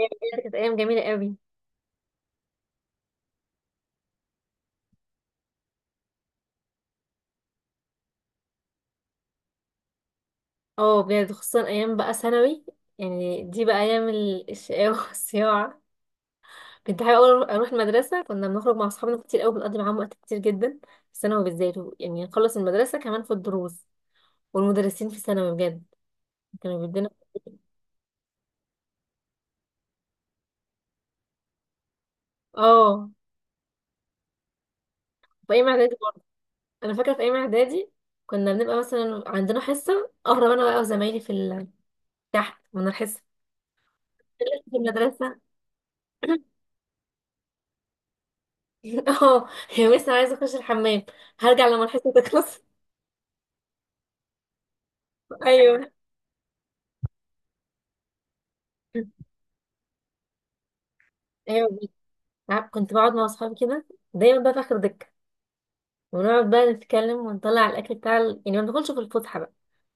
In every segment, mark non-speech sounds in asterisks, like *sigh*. أيام بجد كانت ايام جميله قوي. اه بجد خصوصا ايام بقى ثانوي. يعني دي بقى ايام الشقاوه *laughs* والصياعه. كنت حابه أوي اروح المدرسه، كنا بنخرج مع اصحابنا كتير قوي، بنقضي معاهم وقت كتير جدا في ثانوي بالذات. يعني نخلص المدرسه كمان في الدروس، والمدرسين في ثانوي بجد كانوا بيدينا. *laughs* اه، في ايام اعدادي برضه. انا فاكره في ايام اعدادي كنا بنبقى مثلا عندنا حصه، اهرب انا بقى وزمايلي في تحت من الحصه في المدرسه. *clears throat* *laughs* اه هي لسه عايزه اخش الحمام، هرجع لما الحصه تخلص. *laughs* ايوه. ايوه بجد. عارف كنت بقعد مع اصحابي كده دايما بقى في اخر دكه، ونقعد بقى نتكلم ونطلع الاكل بتاع يعني ما بناكلش في الفسحه بقى،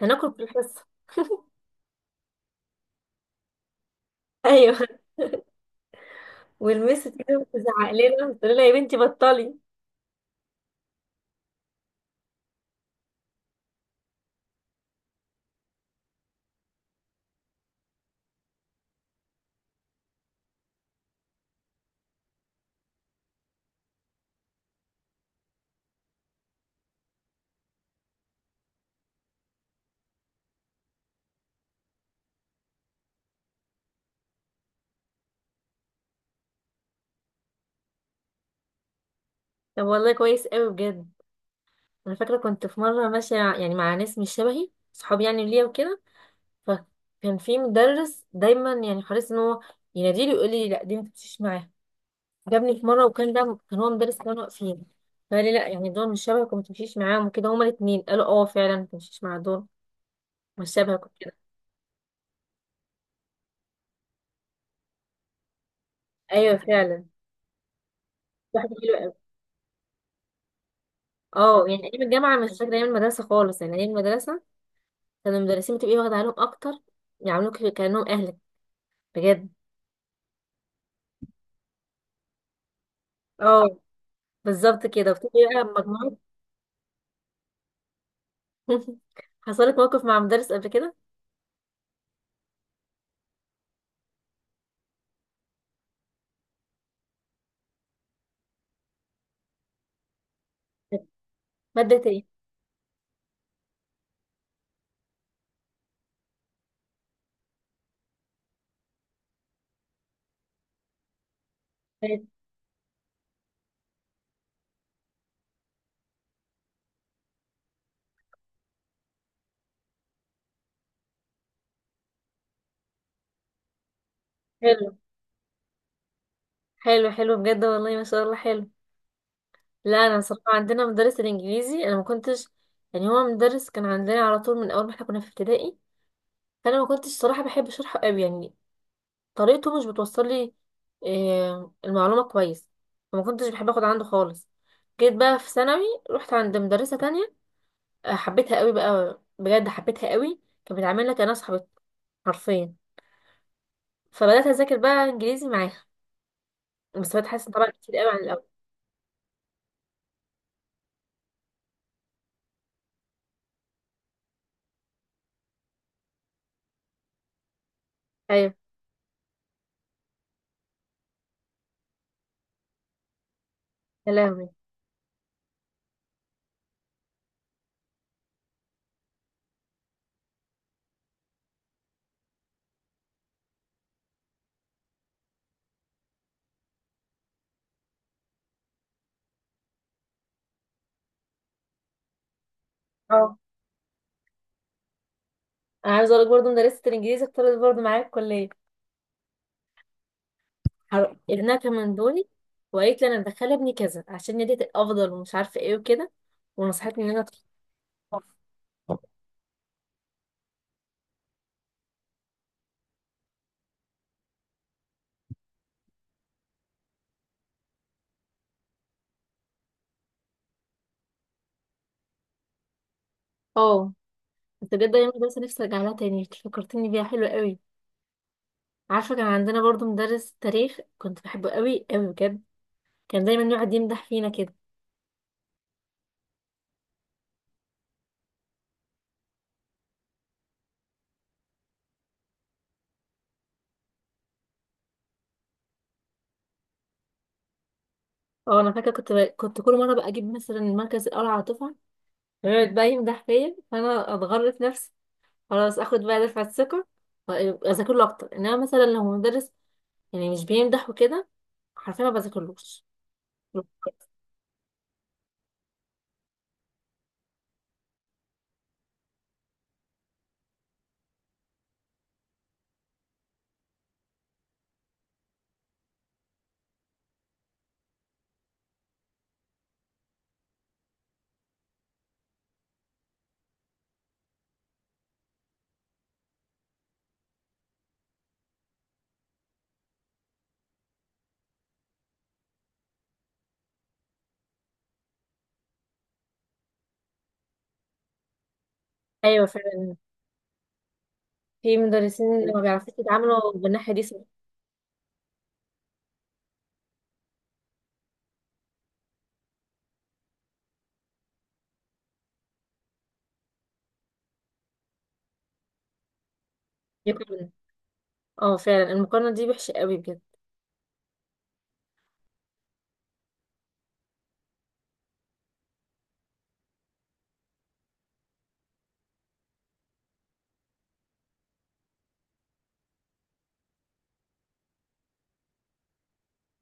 هناكل في الحصه. *laughs* ايوه، والمس كده بتزعق لنا بتقول لها يا بنتي بطلي. طب والله كويس قوي بجد. انا فاكره كنت في مره ماشيه يعني مع ناس مش شبهي، صحابي يعني ليا وكده، فكان في مدرس دايما يعني حريص ان هو يناديلي ويقول لي لا دي ما تمشيش معاها. جابني في مره وكان ده كان هو مدرس كانوا واقفين، فقال لي لا يعني دول مش شبهك وما تمشيش معاهم وكده. هما الاثنين قالوا اه فعلا ما تمشيش مع دول مش شبهك وكده. ايوه فعلا. واحده حلوه قوي. اه يعني ايام الجامعه مش فاكره، ايام المدرسه خالص يعني ايام المدرسه كان المدرسين بتبقي واخده عليهم اكتر، يعاملوك كانهم اهلك بجد. اه بالظبط كده بتبقي بقى مجموعه. *laughs* حصلت موقف مع مدرس قبل كده. ماده ايه كانت؟ حلو حلو حلو بجد، والله ما شاء الله حلو. لا انا صراحه عندنا مدرس الانجليزي انا ما كنتش، يعني هو مدرس كان عندنا على طول من اول ما احنا كنا في ابتدائي، فانا ما كنتش صراحه بحب شرحه قوي يعني. طريقته مش بتوصل لي آه، المعلومه كويس، فما كنتش بحب اخد عنده خالص. جيت بقى في ثانوي، رحت عند مدرسه تانية، آه، حبيتها قوي بقى بجد حبيتها قوي. كانت بتعاملنا كانها صاحبتي حرفيا، فبدات اذاكر بقى انجليزي معاها بس بتحسن طبعا كتير قوي عن الاول. ايوه. يا لهوي. اه، انا عايزه اقول لك برضه مدرسه الانجليزي اختارت برضه معايا الكليه. ابنها كان من دوري، وقالت لي انا مدخله ابني كذا عشان نديت افضل ومش عارفه ايه وكده، ونصحتني ان انا أدخل. اه. انت بجد ايام المدرسه نفسي ارجع لها تاني، إنت فكرتني بيها حلوه قوي. عارفه كان عندنا برضو مدرس تاريخ كنت بحبه قوي قوي بجد، كان دايما يقعد يمدح فينا كده. اه انا فاكره كنت كل مره بقى اجيب مثلا المركز الاول على الدفعه، فيقعد بقى يمدح فيا فانا اتغرف نفسي. خلاص اخد بقى دفعه ثقه واذاكر له اكتر. انما مثلا لو مدرس يعني مش بيمدح وكده، حرفيا ما بذاكرلوش. ايوه فعلا. في مدرسين ما بيعرفوش يتعاملوا بالناحيه دي، صح. يقارن. اه فعلا المقارنه دي وحشه قوي بجد.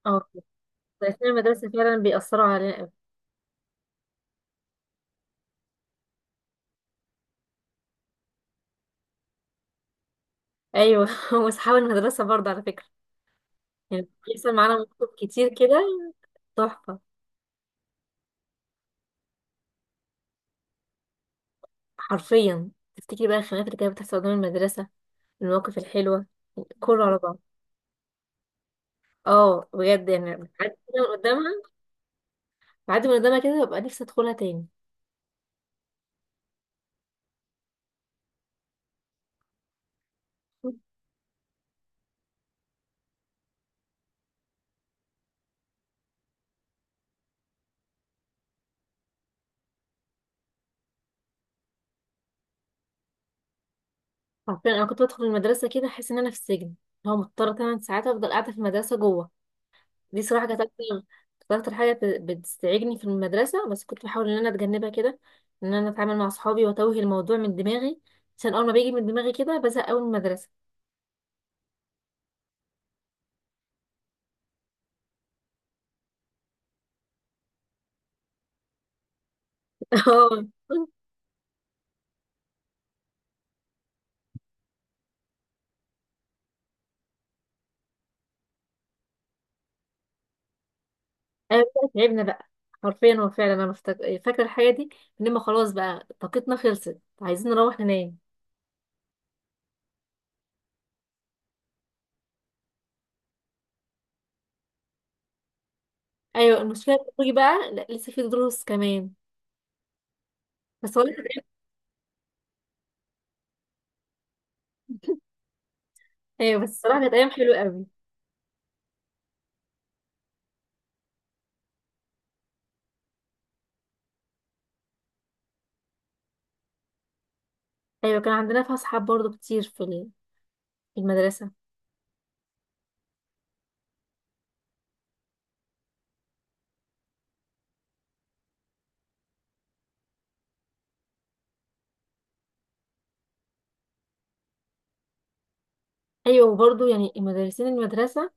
اه، مدرسين المدرسه فعلا بيأثروا علينا قوي. ايوه. *laughs* واصحاب المدرسه برضه على فكره، يعني بيحصل معانا مواقف كتير كده تحفه. حرفيا تفتكري بقى الخناقات اللي كانت بتحصل قدام المدرسه، المواقف الحلوه، كله على بعض. اه بجد، يعني بعدي كده من قدامها، بعدي من قدامها كده ببقى نفسي ادخلها تاني. حرفيا انا كنت بدخل المدرسه كده احس ان انا في السجن، هو مضطره 8 ساعات افضل قاعده في المدرسه جوه. دي صراحه كانت اكتر، بتستعجني في المدرسه، بس كنت بحاول ان انا اتجنبها كده، ان انا اتعامل مع اصحابي واتوه الموضوع من دماغي، عشان اول ما بيجي من دماغي كده بزهق قوي من المدرسه. *laughs* اه. أيوة، تعبنا بقى. حرفيا هو فعلا انا فاكره الحاجه دي، لما خلاص بقى طاقتنا خلصت عايزين نروح ننام. ايوه المشكله بتيجي بقى لا لسه في دروس كمان. بس والله ايوه بس الصراحه كانت ايام حلوه قوي. ايوه كان عندنا في اصحاب برضو كتير في في المدرسه. ايوه وبرضو يعني المدرسين المدرسه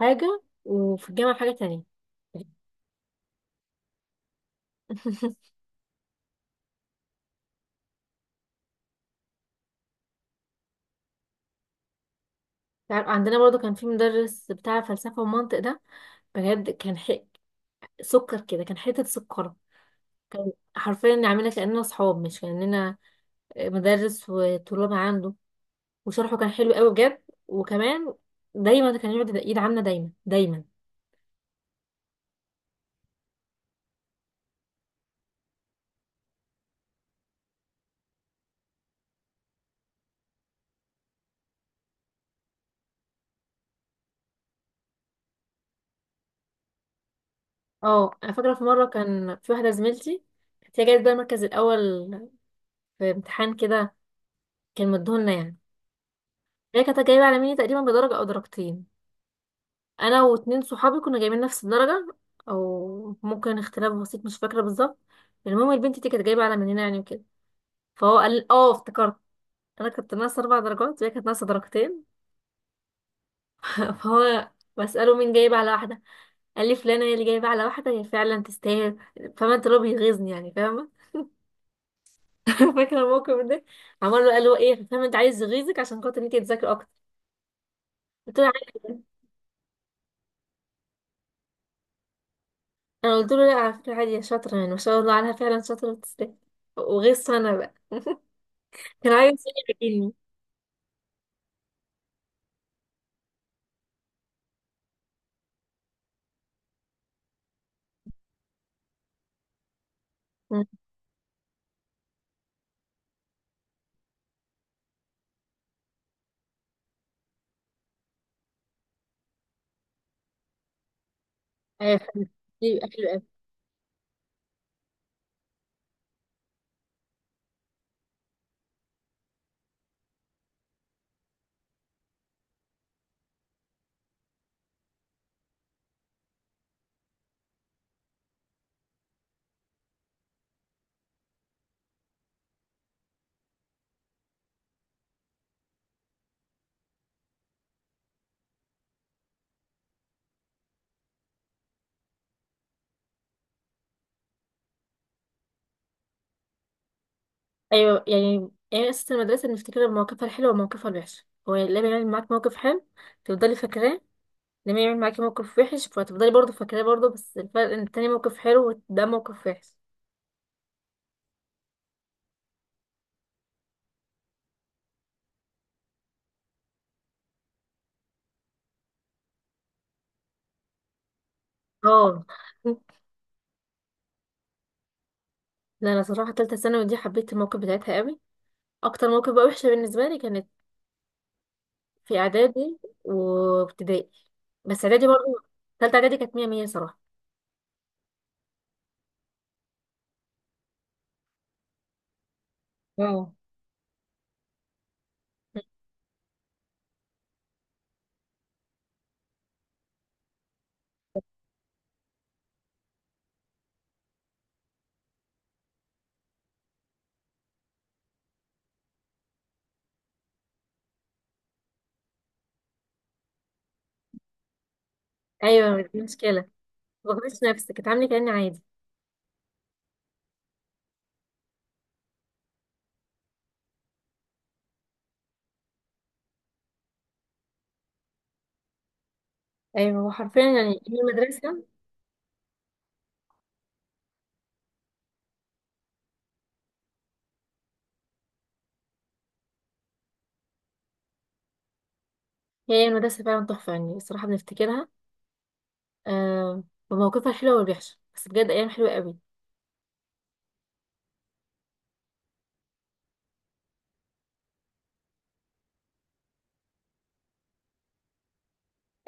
حاجه وفي الجامعه حاجه تانية. *laughs* تعرف عندنا برضو كان في مدرس بتاع فلسفه ومنطق ده بجد كان حق سكر كده، كان حته سكر. حرفيا نعملها كاننا اصحاب مش كاننا مدرس وطلاب عنده. وشرحه كان حلو قوي بجد. وكمان دايما كان يقعد ايد عامله دايما دايما. اه انا فاكره في مره كان في واحده زميلتي كانت هي جايبه بقى المركز الاول في امتحان كده كان مديهولنا يعني. هي كانت جايبة على مني تقريبا بدرجة أو درجتين، أنا واتنين صحابي كنا جايبين نفس الدرجة، أو ممكن اختلاف بسيط مش فاكرة بالظبط. المهم البنت دي كانت جايبة على مننا يعني وكده. فهو قال اه افتكرت، أنا كنت ناقصة 4 درجات وهي كانت ناقصة درجتين. *laughs* فهو بسأله مين جايب على واحدة، قال لي فلانة هي اللي جايبة على واحدة هي فعلا تستاهل. فاهمة انت اللي هو بيغيظني يعني، فاهمة؟ *laughs* فاكرة الموقف ده. عمال له قال له ايه، فاهمة انت عايز يغيظك عشان خاطر انت تذاكري أكتر؟ قلت له عادي. انا قلت له لا على فكره عادي يا شاطره، يعني ما شاء الله عليها فعلا شاطره وتستاهل. وغير سنه بقى *laughs* كان عايز يعجبني. ايوه حلو. ايوه حلو قوي. ايوه يعني يعني اساس المدرسه بنفتكر مواقفها الحلوه ومواقفها الوحشه. هو لما يعمل معاك موقف حلو تفضلي فاكراه، لما يعمل معاكي موقف وحش فتفضلي برضه فاكراه برضه، بس الفرق ان التاني موقف حلو وده موقف وحش. اه. *laughs* لا انا صراحه تالتة ثانوي دي حبيت الموقف بتاعتها قوي. اكتر موقف بقى وحشه بالنسبه لي كانت في اعدادي وابتدائي، بس اعدادي برضه. تالتة اعدادي كانت مية مية صراحة. اه ايوه دي مشكلة. مبغضيش نفسك، اتعاملي كأني عادي. ايوه هو حرفيا يعني هي المدرسة فعلا تحفة يعني الصراحة بنفتكرها آه بمواقفها الحلوة والوحشة، بس بجد ايام حلوة قوي.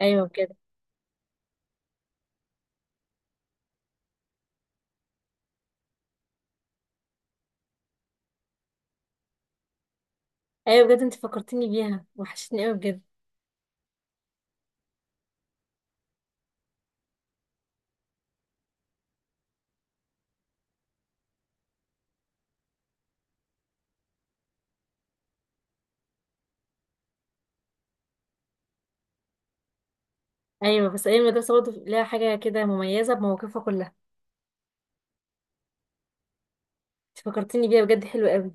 ايوه بجد. ايوه بجد انت فكرتيني بيها وحشتني قوي بجد. ايوه بس ايام المدرسة برضه ليها حاجة كده مميزة بمواقفها كلها. انت فكرتيني بيها بجد حلوة قوي.